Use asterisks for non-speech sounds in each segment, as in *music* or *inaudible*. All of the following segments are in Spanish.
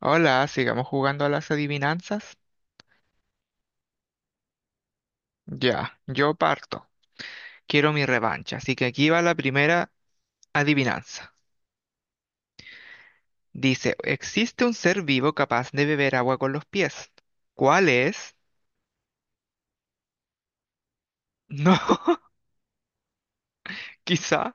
Hola, sigamos jugando a las adivinanzas. Ya, yo parto. Quiero mi revancha, así que aquí va la primera adivinanza. Dice, existe un ser vivo capaz de beber agua con los pies. ¿Cuál es? No, *laughs* quizá.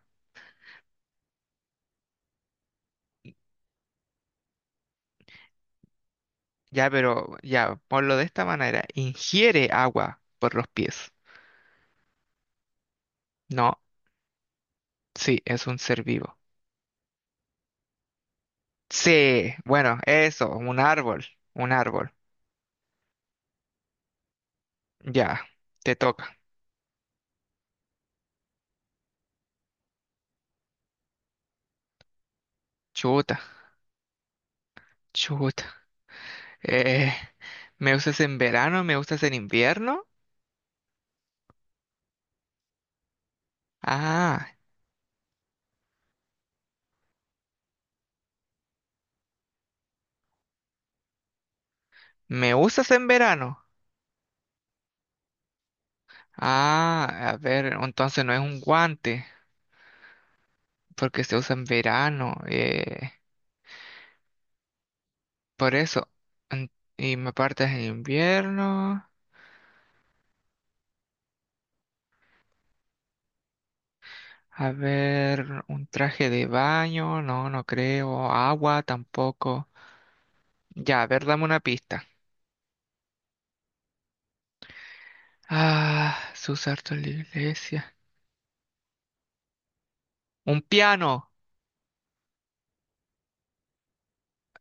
Ya, pero ya, ponlo de esta manera. Ingiere agua por los pies. No, sí, es un ser vivo. Sí, bueno, eso, un árbol, un árbol. Ya, te toca. Chuta, chuta. Eh, ¿Me usas en verano? ¿Me usas en invierno? Ah, ¿me usas en verano? Ah, a ver, entonces no es un guante, porque se usa en verano. Por eso. En- Y me partes en invierno. A ver, un traje de baño, no, no creo. Agua tampoco. Ya, a ver, dame una pista. Ah, se usa harto en la iglesia. Un piano.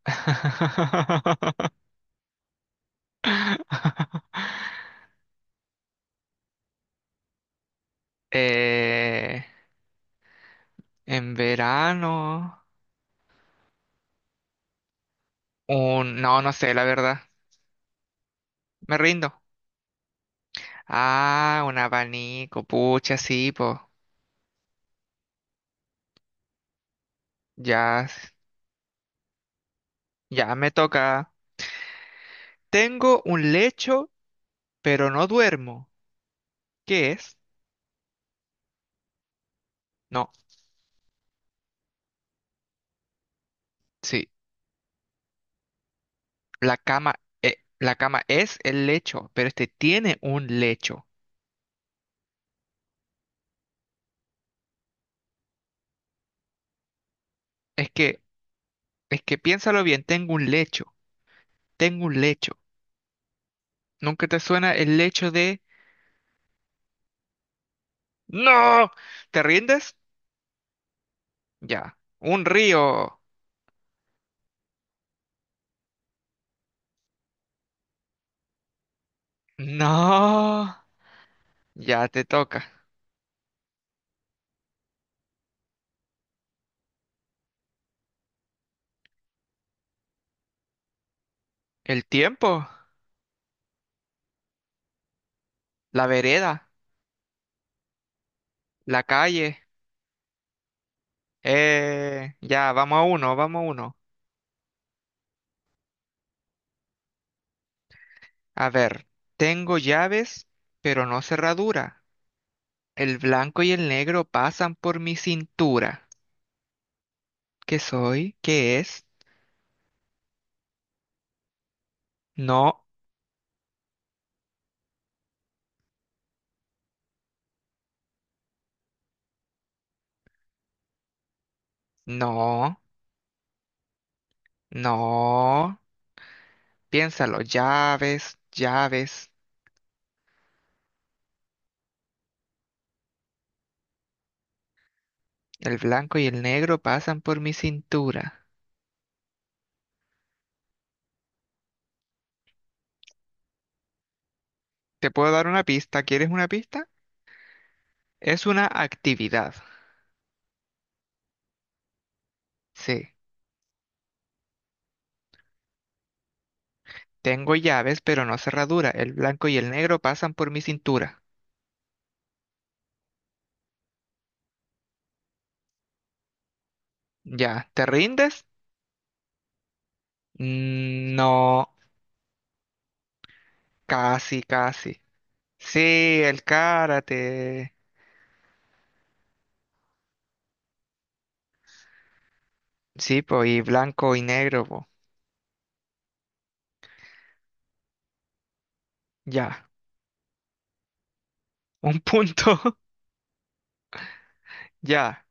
*laughs* Eh, en verano, un, no, no sé, la verdad. Me rindo. Ah, un abanico, pucha, sí, pues, ya, ya me toca. Tengo un lecho, pero no duermo. ¿Qué es? No, sí, la cama, la cama es el lecho, pero este tiene un lecho. Es que, es que piénsalo bien, tengo un lecho, tengo un lecho. ¿Nunca te suena el lecho de... ¡No! ¿Te rindes? Ya. Un río. No. Ya te toca. El tiempo. La vereda. La calle. Ya, vamos a uno, vamos a uno. A ver. Tengo llaves, pero no cerradura. El blanco y el negro pasan por mi cintura. ¿Qué soy? ¿Qué es? No, no, no. Piénsalo. Llaves, llaves. El blanco y el negro pasan por mi cintura. ¿Te puedo dar una pista? ¿Quieres una pista? Es una actividad. Sí. Tengo llaves, pero no cerradura. El blanco y el negro pasan por mi cintura. Ya. ¿Te rindes? Mm, no. Casi, casi. Sí, el karate. Sí, po, y blanco y negro, po. Ya. Un punto. *laughs* Ya.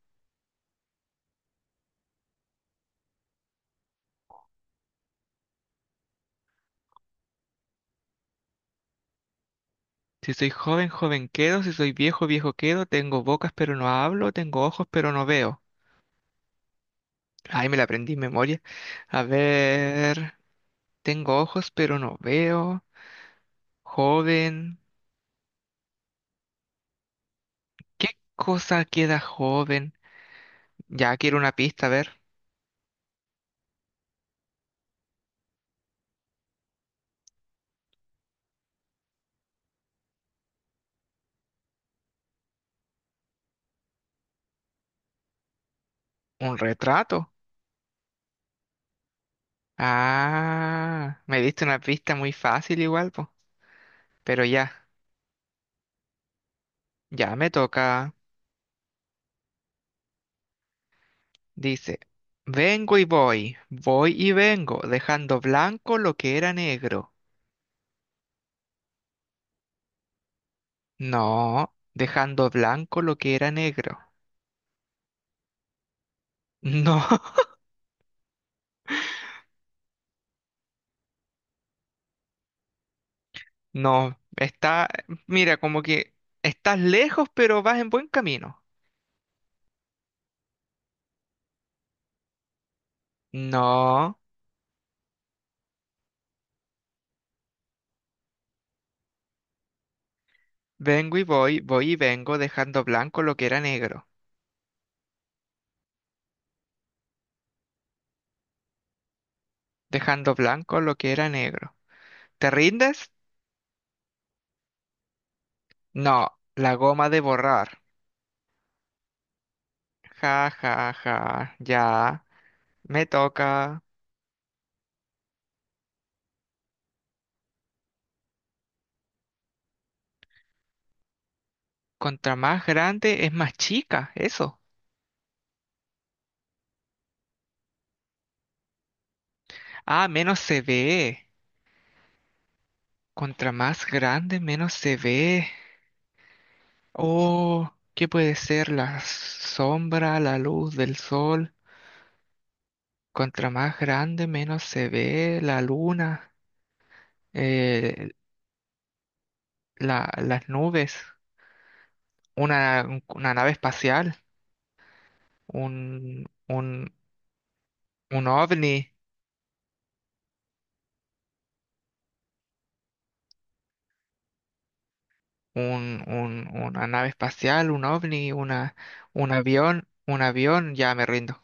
Si soy joven, joven quedo. Si soy viejo, viejo quedo. Tengo bocas, pero no hablo. Tengo ojos, pero no veo. Ay, me la aprendí en memoria. A ver. Tengo ojos, pero no veo. Joven. ¿Qué cosa queda joven? Ya quiero una pista, a ver. ¿Un retrato? Ah, me diste una pista muy fácil igual, po. Pero ya, ya me toca. Dice, vengo y voy, voy y vengo, dejando blanco lo que era negro. No, dejando blanco lo que era negro. No, *laughs* no, está, mira, como que estás lejos, pero vas en buen camino. No. Vengo y voy, voy y vengo, dejando blanco lo que era negro, dejando blanco lo que era negro. ¿Te rindes? No, la goma de borrar. Ja, ja, ja, ya, me toca. Contra más grande es más chica, eso. Ah, menos se ve. Contra más grande, menos se ve. Oh, ¿qué puede ser la sombra, la luz del sol? Contra más grande, menos se ve la luna. Eh, la- las nubes, una nave espacial, un, un, un ovni, una nave espacial, un ovni, una, un avión, ya me rindo.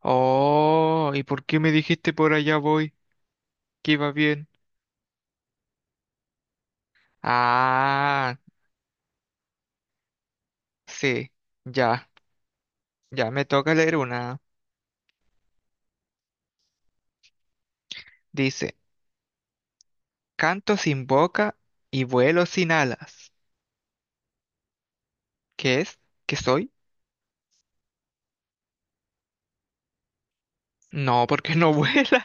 Oh, ¿y por qué me dijiste por allá voy? Que iba bien. Ah, sí, ya, ya me toca leer una. Dice, canto sin boca y vuelo sin alas. ¿Qué es? ¿Qué soy? No, porque no *laughs* vuela.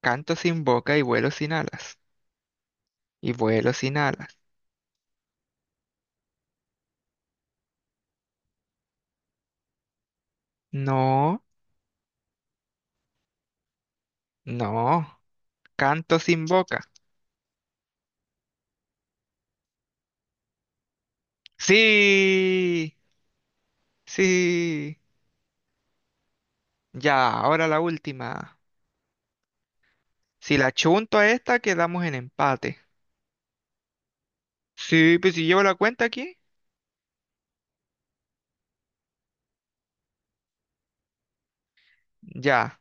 Canto sin boca y vuelo sin alas. Y vuelo sin alas. No, no. Canto sin boca. Sí, sí. Ya, ahora la última. Si la chunto a esta, quedamos en empate. Sí, pues si llevo la cuenta aquí. Ya.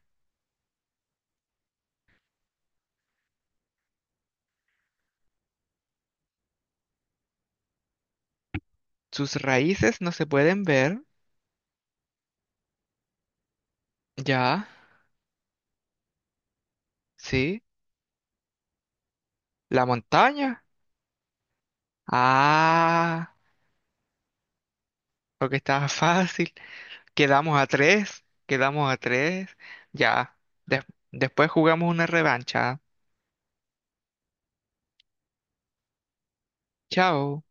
Sus raíces no se pueden ver. Ya, sí. La montaña. Ah, porque estaba *laughs* fácil. Quedamos a tres, quedamos a tres. Ya, des- después jugamos una revancha. Chao.